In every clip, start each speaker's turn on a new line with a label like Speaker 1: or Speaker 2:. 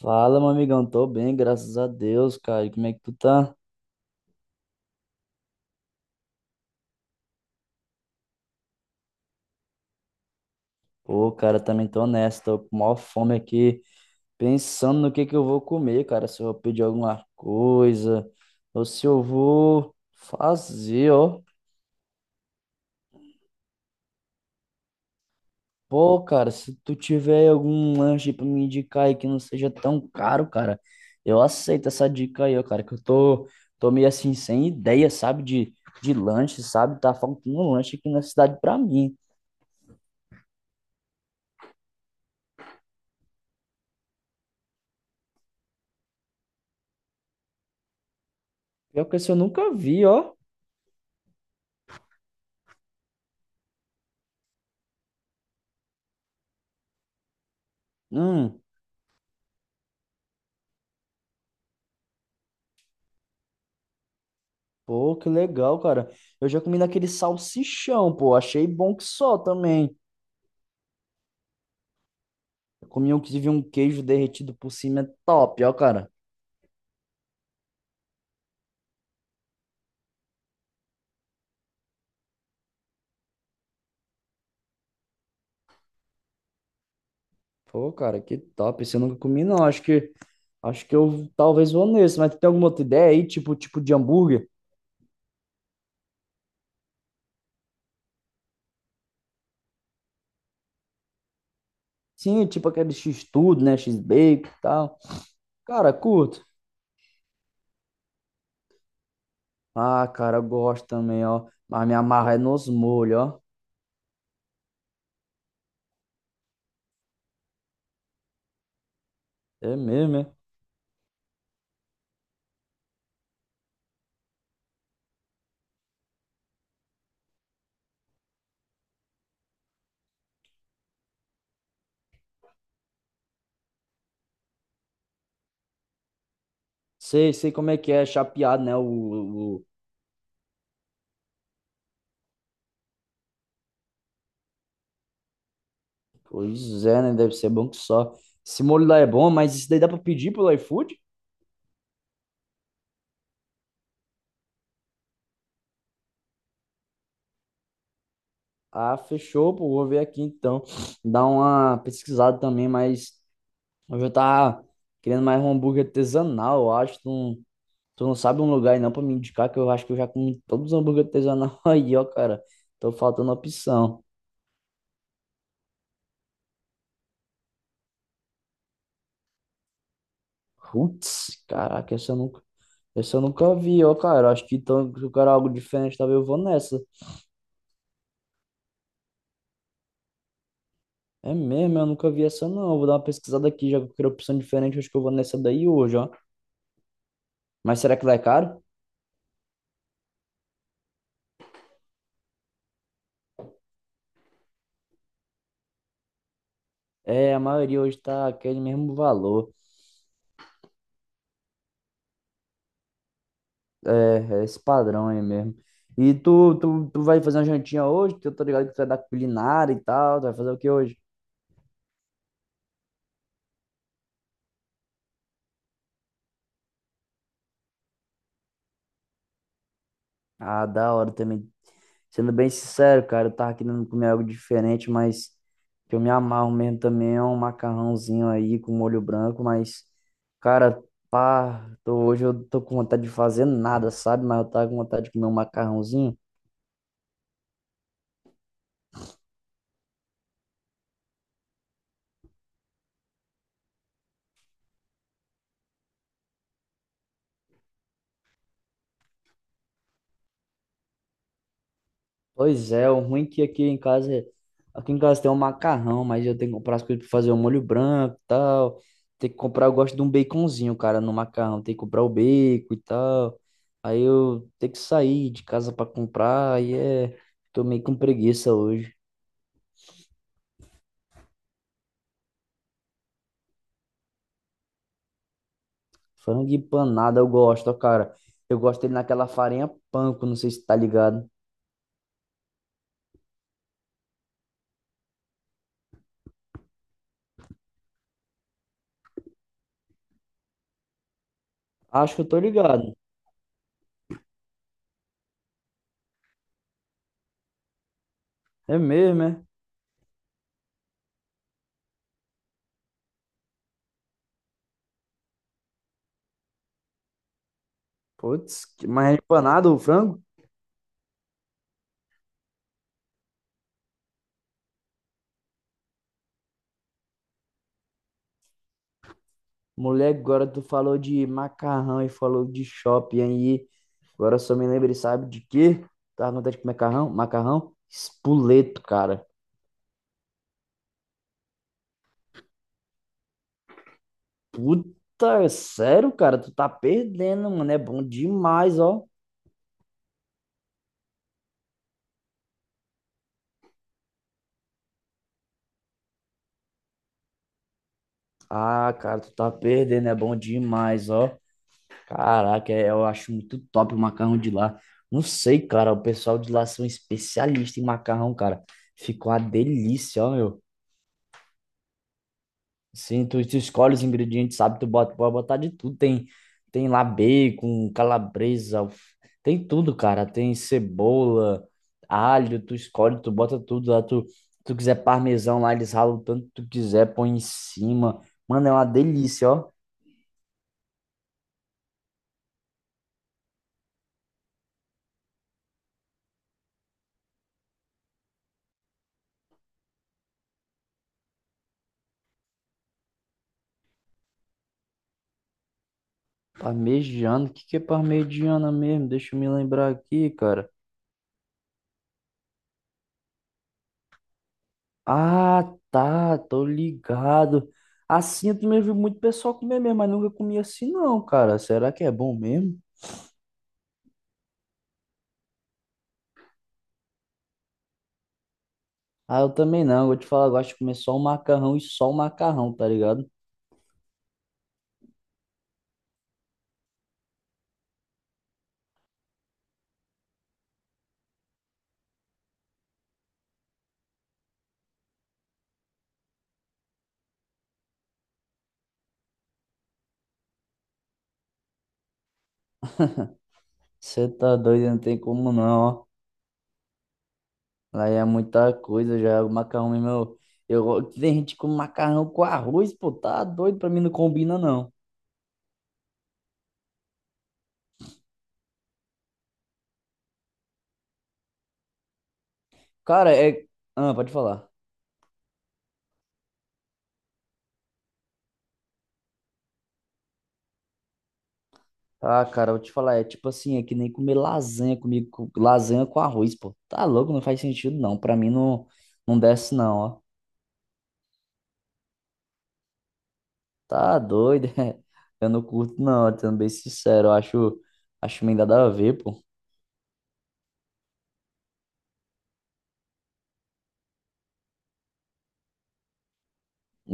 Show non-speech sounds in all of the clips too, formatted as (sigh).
Speaker 1: Fala, meu amigão. Tô bem, graças a Deus, cara. E como é que tu tá? Pô, cara, também tô nessa. Tô com maior fome aqui, pensando no que eu vou comer, cara. Se eu vou pedir alguma coisa, ou se eu vou fazer, ó. Pô, cara, se tu tiver algum lanche pra me indicar aí que não seja tão caro, cara, eu aceito essa dica aí, ó, cara, tô meio assim, sem ideia, sabe, de lanche, sabe? Tá faltando um lanche aqui na cidade pra mim. Pior que esse eu nunca vi, ó. Hum. Pô, que legal, cara. Eu já comi naquele salsichão, pô. Achei bom que só também. Eu comi um que tive um queijo derretido por cima, é top, ó, cara. Pô, cara, que top. Esse eu nunca comi, não. Acho que eu talvez vou nesse. Mas tu tem alguma outra ideia aí? Tipo de hambúrguer? Sim, tipo aquele X-tudo, né? X-bacon e tal. Cara, curto. Ah, cara, eu gosto também, ó. Mas minha amarra é nos molhos, ó. É mesmo, é? Sei, sei como é que é, é chapeado, né? O. Pois é, né? Deve ser bom que só. Esse molho lá é bom, mas isso daí dá pra pedir pelo iFood? Ah, fechou, pô. Vou ver aqui então. Dar uma pesquisada também, mas eu já tava querendo mais um hambúrguer artesanal, eu acho. Tu não sabe um lugar aí não pra me indicar, que eu acho que eu já comi todos os hambúrguer artesanal (laughs) aí, ó, cara. Tô faltando opção. Putz, caraca, essa eu nunca vi, ó, cara. Acho que então, se eu quero algo diferente, talvez eu vou nessa. É mesmo, eu nunca vi essa não. Eu vou dar uma pesquisada aqui, já que eu quero opção diferente, acho que eu vou nessa daí hoje, ó. Mas será que lá é caro? É, a maioria hoje tá aquele mesmo valor. É, é esse padrão aí mesmo. E tu vai fazer uma jantinha hoje? Que eu tô ligado que tu é da culinária e tal. Tu vai fazer o que hoje? Ah, da hora também. Sendo bem sincero, cara, eu tava querendo comer algo diferente, mas que eu me amarro mesmo também é um macarrãozinho aí com molho branco, mas, cara, pá, tô, hoje eu tô com vontade de fazer nada, sabe? Mas eu tava com vontade de comer um macarrãozinho. Pois é, o ruim é que aqui em casa tem um macarrão, mas eu tenho que comprar as coisas pra fazer o molho branco e tal. Tem que comprar, eu gosto de um baconzinho, cara, no macarrão. Tem que comprar o bacon e tal. Aí eu tenho que sair de casa pra comprar, aí é, tô meio com preguiça hoje. Frango empanado eu gosto, ó, cara. Eu gosto dele naquela farinha panko, não sei se tá ligado. Acho que eu tô ligado. É mesmo, é? Putz, que- mas é empanado o frango? Moleque, agora tu falou de macarrão e falou de shopping aí. Agora só me lembrei, sabe de quê? Tava com vontade de comer macarrão? Macarrão? Espoleto, cara. Puta, sério, cara? Tu tá perdendo, mano. É bom demais, ó. Ah, cara, tu tá perdendo. É bom demais, ó. Caraca, é- eu acho muito top o macarrão de lá. Não sei, cara. O pessoal de lá são especialistas em macarrão, cara. Ficou uma delícia, ó, meu. Sim, tu escolhe os ingredientes, sabe? Tu bota, pode botar de tudo. Tem lá bacon, calabresa, alf- tem tudo, cara. Tem cebola, alho, tu escolhe, tu bota tudo lá. Tu quiser parmesão lá, eles ralam o tanto que tu quiser, põe em cima. Mano, é uma delícia, ó. Parmegiana, o que que é parmegiana mesmo? Deixa eu me lembrar aqui, cara. Ah, tá, tô ligado. Assim eu também vi muito pessoal comer mesmo, mas nunca comi assim não, cara. Será que é bom mesmo? Ah, eu também não. Vou te falar, eu gosto de comer só o macarrão e só o macarrão, tá ligado? Você tá doido, não tem como não, ó. Lá é muita coisa já. O macarrão mesmo, go- tem gente com macarrão com arroz, pô, tá doido? Pra mim não combina, não. Cara, é. Ah, pode falar. Ah, cara, eu vou te falar, é tipo assim, é que nem comer lasanha comigo, com- lasanha com arroz, pô. Tá louco, não faz sentido, não. Pra mim não, não desce, não, ó. Tá doido. (laughs) Eu não curto, não, sendo bem sincero, acho meio nada a ver, pô.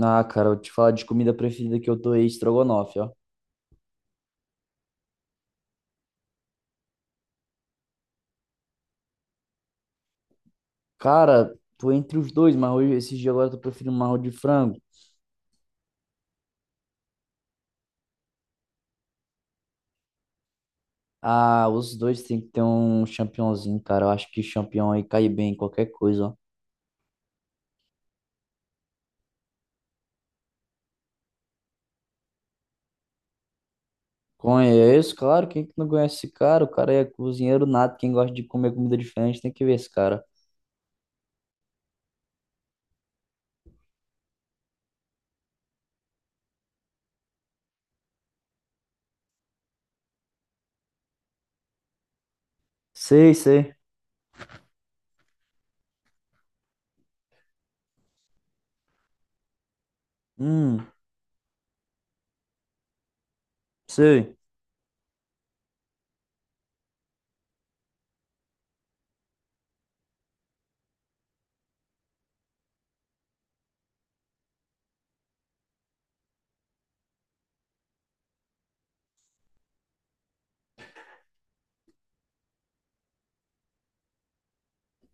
Speaker 1: Ah, cara, eu te falar de comida preferida que eu tô aí, estrogonofe, ó. Cara, tô entre os dois, mas hoje, esses dias agora eu tô preferindo marro de frango. Ah, os dois tem que ter um champignonzinho, cara. Eu acho que champignon aí cai bem em qualquer coisa, ó. Conheço, claro, quem que não conhece esse cara? O cara é cozinheiro nato, quem gosta de comer comida diferente tem que ver esse cara. Sei, sei. Hum, sei.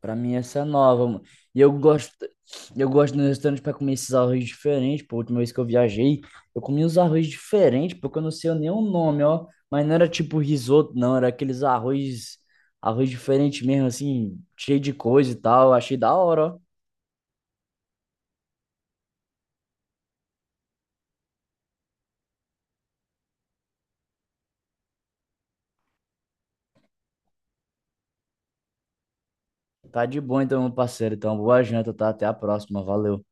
Speaker 1: Pra mim essa é nova, mano. E eu gosto nos restaurantes pra comer esses arroz diferentes. Pô, a última vez que eu viajei, eu comi uns arroz diferentes, porque eu não sei nem o nome, ó. Mas não era tipo risoto, não. Era aqueles arroz diferente mesmo, assim, cheio de coisa e tal. Achei da hora, ó. Tá de boa então, meu parceiro. Então, boa janta, tá? Até a próxima. Valeu.